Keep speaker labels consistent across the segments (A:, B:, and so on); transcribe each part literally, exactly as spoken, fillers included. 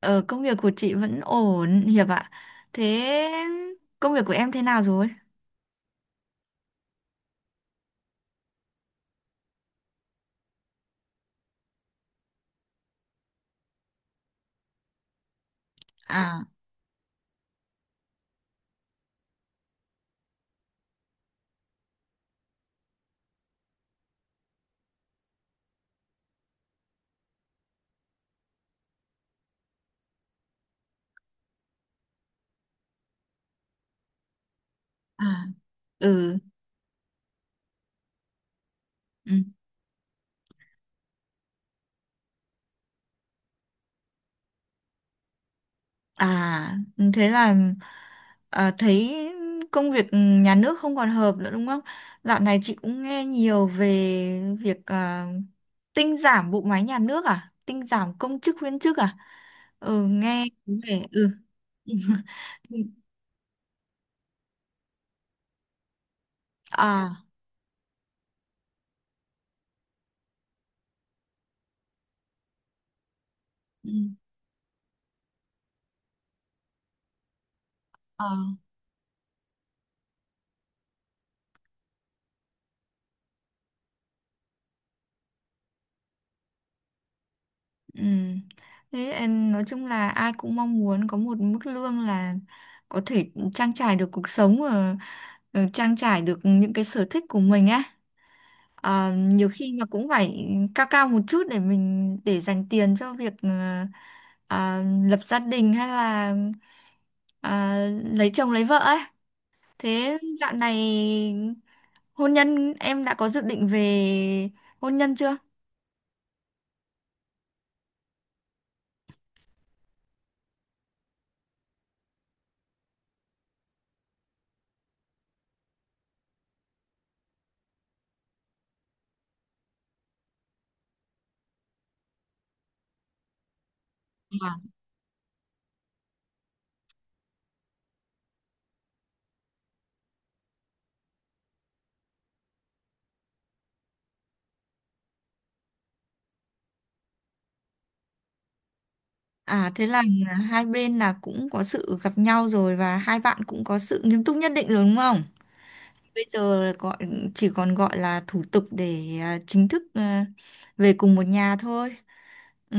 A: Ờ, công việc của chị vẫn ổn, Hiệp ạ. Thế công việc của em thế nào rồi? À, à, ừ, ừ. À, thế là à, thấy công việc nhà nước không còn hợp nữa đúng không? Dạo này chị cũng nghe nhiều về việc à, tinh giảm bộ máy nhà nước à? Tinh giảm công chức viên chức à? Ừ, nghe có vẻ... Ừ. À, ừ. Ờ. Ừ. Thế em nói chung là ai cũng mong muốn có một mức lương là có thể trang trải được cuộc sống và ờ, trang trải được những cái sở thích của mình á. Ờ, nhiều khi mà cũng phải cao cao một chút để mình để dành tiền cho việc ờ, ờ, lập gia đình hay là ờ, lấy chồng lấy vợ ấy. Thế dạo này hôn nhân em đã có dự định về hôn nhân chưa? À thế là hai bên là cũng có sự gặp nhau rồi và hai bạn cũng có sự nghiêm túc nhất định rồi đúng không? Bây giờ gọi chỉ còn gọi là thủ tục để à, chính thức à, về cùng một nhà thôi. Ừ.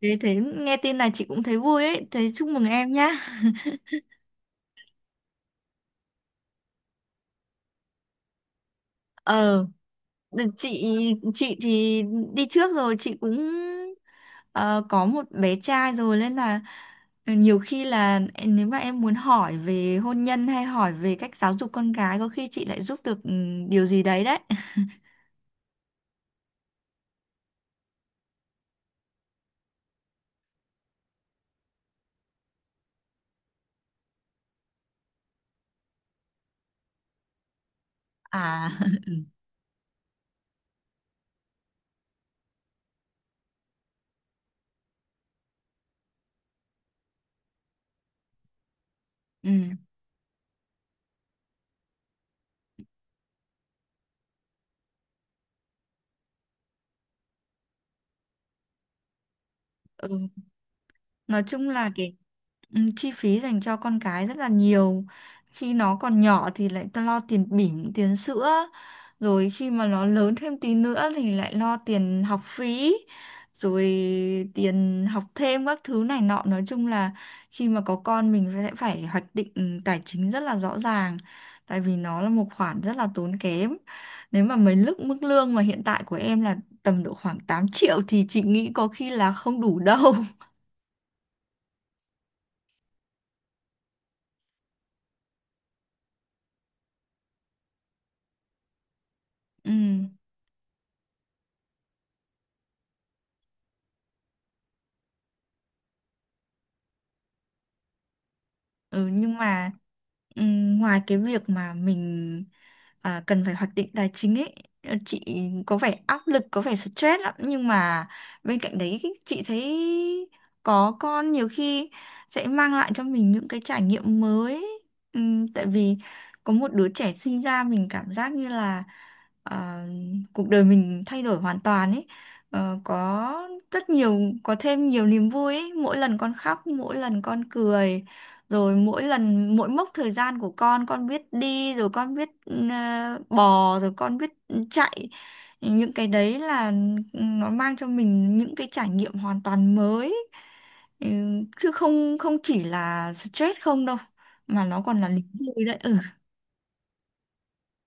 A: Thế thế nghe tin là chị cũng thấy vui ấy, thế chúc mừng em nhá. Ờ chị chị thì đi trước rồi chị cũng ờ, có một bé trai rồi nên là ờ, nhiều khi là em- nếu mà em muốn hỏi về hôn nhân hay hỏi về cách giáo dục con gái có khi chị lại giúp được ừ, điều gì đấy đấy. À, ừ. Nói chung là cái ừ, chi phí dành cho con cái rất là nhiều khi nó còn nhỏ thì lại ta lo tiền bỉm tiền sữa, rồi khi mà nó lớn thêm tí nữa thì lại lo tiền học phí, rồi tiền học thêm các thứ này nọ. Nói chung là khi mà có con mình sẽ phải hoạch định ừ, tài chính rất là rõ ràng, tại vì nó là một khoản rất là tốn kém. Nếu mà mấy lúc mức lương mà hiện tại của em là tầm độ khoảng tám triệu thì chị nghĩ có khi là không đủ đâu. Ừ. Ừ, nhưng mà ừm, ngoài cái việc mà mình à, cần phải hoạch định tài chính ấy, ờ, chị có vẻ áp lực, có vẻ stress lắm. Nhưng mà bên cạnh đấy chị thấy có con nhiều khi sẽ mang lại cho mình những cái trải nghiệm mới ấy. Ừm, tại vì có một đứa trẻ sinh ra mình cảm giác như là à, cuộc đời mình thay đổi hoàn toàn ấy. Ờ, có rất nhiều, có thêm nhiều niềm vui ấy. Mỗi lần con khóc, mỗi lần con cười, rồi mỗi lần mỗi mốc thời gian của con con biết đi rồi con biết ừ, bò rồi con biết chạy. Những cái đấy là nó mang cho mình những cái trải nghiệm hoàn toàn mới. Ừ, chứ không không chỉ là stress không đâu mà nó còn là niềm vui đấy. Ừ.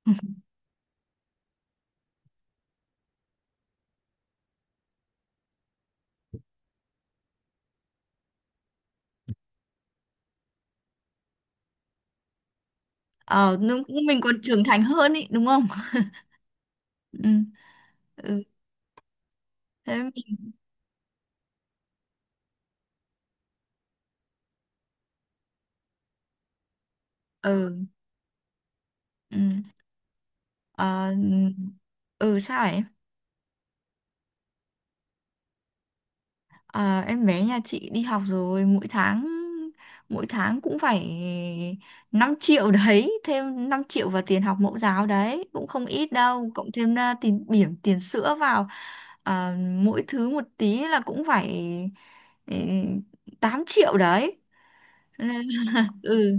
A: Ờ nó- mình còn trưởng thành hơn ý đúng không? Ừ, ừ. Thế mình ừ, ừ. Ờ, ừ sao ấy. À, em bé nhà chị đi học rồi. Mỗi tháng mỗi tháng cũng phải năm triệu. Đấy, thêm năm triệu vào tiền học mẫu giáo đấy cũng không ít đâu, cộng thêm à, tiền bỉm tiền sữa vào, à, mỗi thứ một tí là cũng phải ừ, tám triệu đấy. Ừ.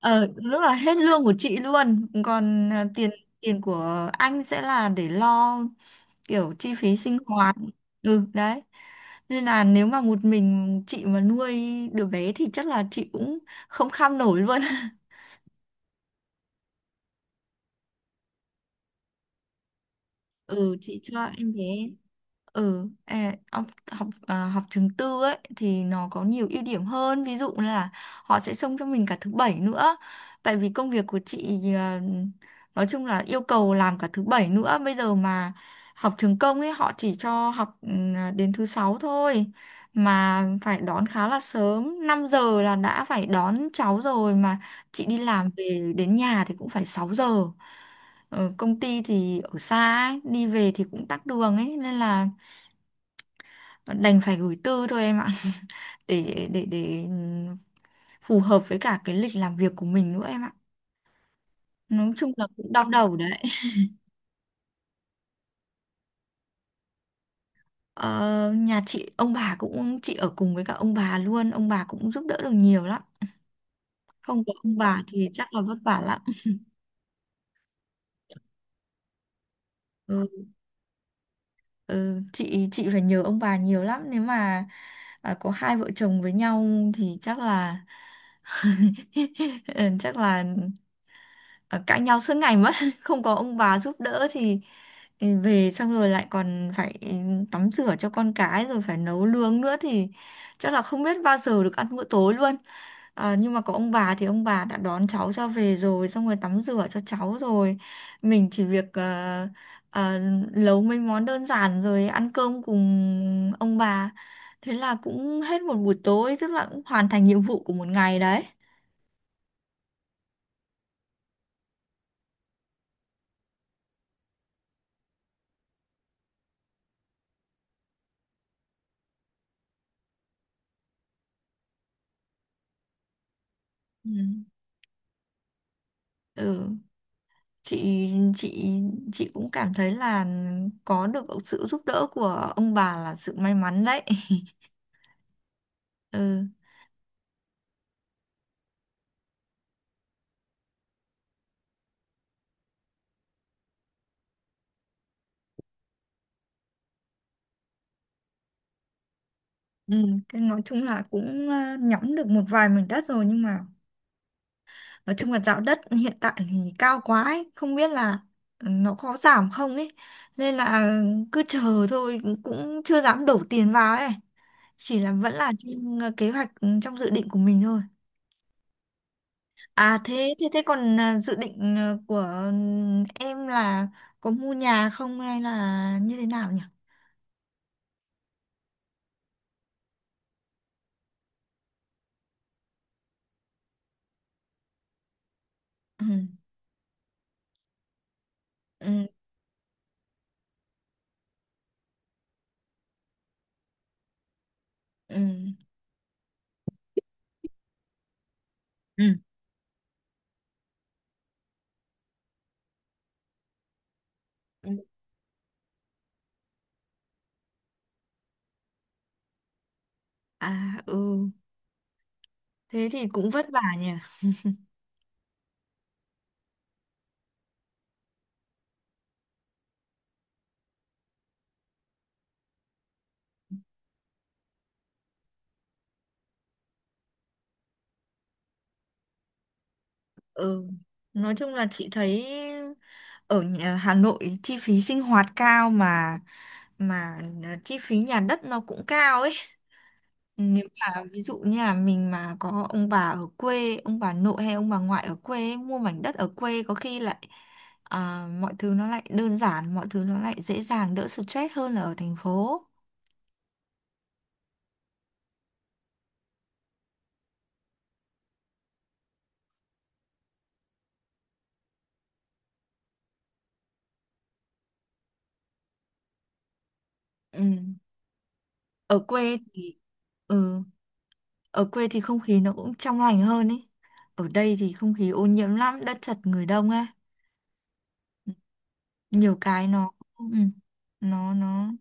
A: Ờ lúc là hết lương của chị luôn, còn à, tiền tiền của anh sẽ là để lo kiểu chi phí sinh hoạt. Ừ đấy. Nên là nếu mà một mình chị mà nuôi đứa bé thì chắc là chị cũng không kham nổi luôn. Ừ, chị cho em bé. Ừ, à, học học à, học trường tư ấy thì nó có nhiều ưu điểm hơn, ví dụ là họ sẽ xông cho mình cả thứ bảy nữa. Tại vì công việc của chị à, nói chung là yêu cầu làm cả thứ bảy nữa. Bây giờ mà học trường công ấy họ chỉ cho học ừ, à, đến thứ sáu thôi, mà phải đón khá là sớm, năm giờ là đã phải đón cháu rồi, mà chị đi làm về đến nhà thì cũng phải sáu giờ. Ờ, công ty thì ở xa ấy, đi về thì cũng tắc đường ấy nên là đành phải gửi tư thôi em ạ. để để để ừ, phù hợp với cả cái lịch làm việc của mình nữa em ạ. Nói chung là cũng đau đầu đấy. Ờ, nhà chị ông bà cũng chị ở cùng với cả ông bà luôn, ông bà cũng giúp đỡ được nhiều lắm, không có ông bà thì chắc là vất vả lắm. Ừ, ừ, chị chị phải nhờ ông bà nhiều lắm. Nếu mà à, có hai vợ chồng với nhau thì chắc là ừ, chắc là à, cãi nhau suốt ngày mất. Không có ông bà giúp đỡ thì thì về xong rồi lại còn phải ừ, tắm rửa cho con cái rồi phải nấu nướng nữa thì chắc là không biết bao giờ được ăn bữa tối luôn. À, nhưng mà có ông bà thì ông bà đã đón cháu cho về rồi, xong rồi tắm rửa cho cháu rồi, mình chỉ việc ờ, ờ, nấu mấy món đơn giản rồi ăn cơm cùng ông bà, thế là cũng hết một buổi tối, tức là cũng hoàn thành nhiệm vụ của một ngày đấy. Ừ. Ừ. chị chị chị cũng cảm thấy là có được sự giúp đỡ của ông bà là sự may mắn đấy. Ừ. Ừ, thế nói chung là cũng ờ, nhõm được một vài mảnh đất rồi, nhưng mà nói chung là dạo đất hiện tại thì cao quá ấy, không biết là nó có giảm không ấy, nên là cứ chờ thôi, cũng chưa dám đổ tiền vào ấy, chỉ là vẫn là trên ờ, kế hoạch ừ, trong dự định của mình thôi. À thế thế thế còn à, dự định à, của ừm, em là có mua nhà không hay là như thế nào nhỉ? Ừ ừ ừ. Ừ. Ừ. À ừ, thế thì cũng vất vả nhỉ. Ừ. Nói chung là chị thấy ở nhà- Hà Nội chi phí sinh hoạt cao, mà mà à, chi phí nhà đất nó cũng cao ấy. Nếu mà ví dụ như là mình mà có ông bà ở quê, ông bà nội hay ông bà ngoại ở quê ấy, mua mảnh đất ở quê có khi lại à, mọi thứ nó lại đơn giản, mọi thứ nó lại dễ dàng, đỡ stress hơn là ở thành phố. Ừ. Ở quê thì ừ, ở quê thì không khí nó cũng trong lành hơn ấy. Ở đây thì không khí ô nhiễm lắm, đất chật người đông á, nhiều cái nó ừ, nó nó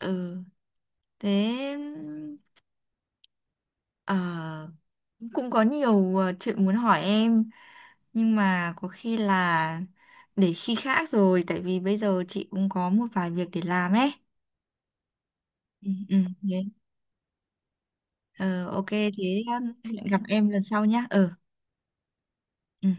A: ừ thế ờ, cũng có nhiều ờ, chuyện muốn hỏi em, nhưng mà có khi là để khi khác rồi, tại vì bây giờ chị cũng có một vài việc để làm ấy. Ừ, ừ, thế. Ờ, ok thế hẹn gặp em lần sau nhá. Ừ ừ.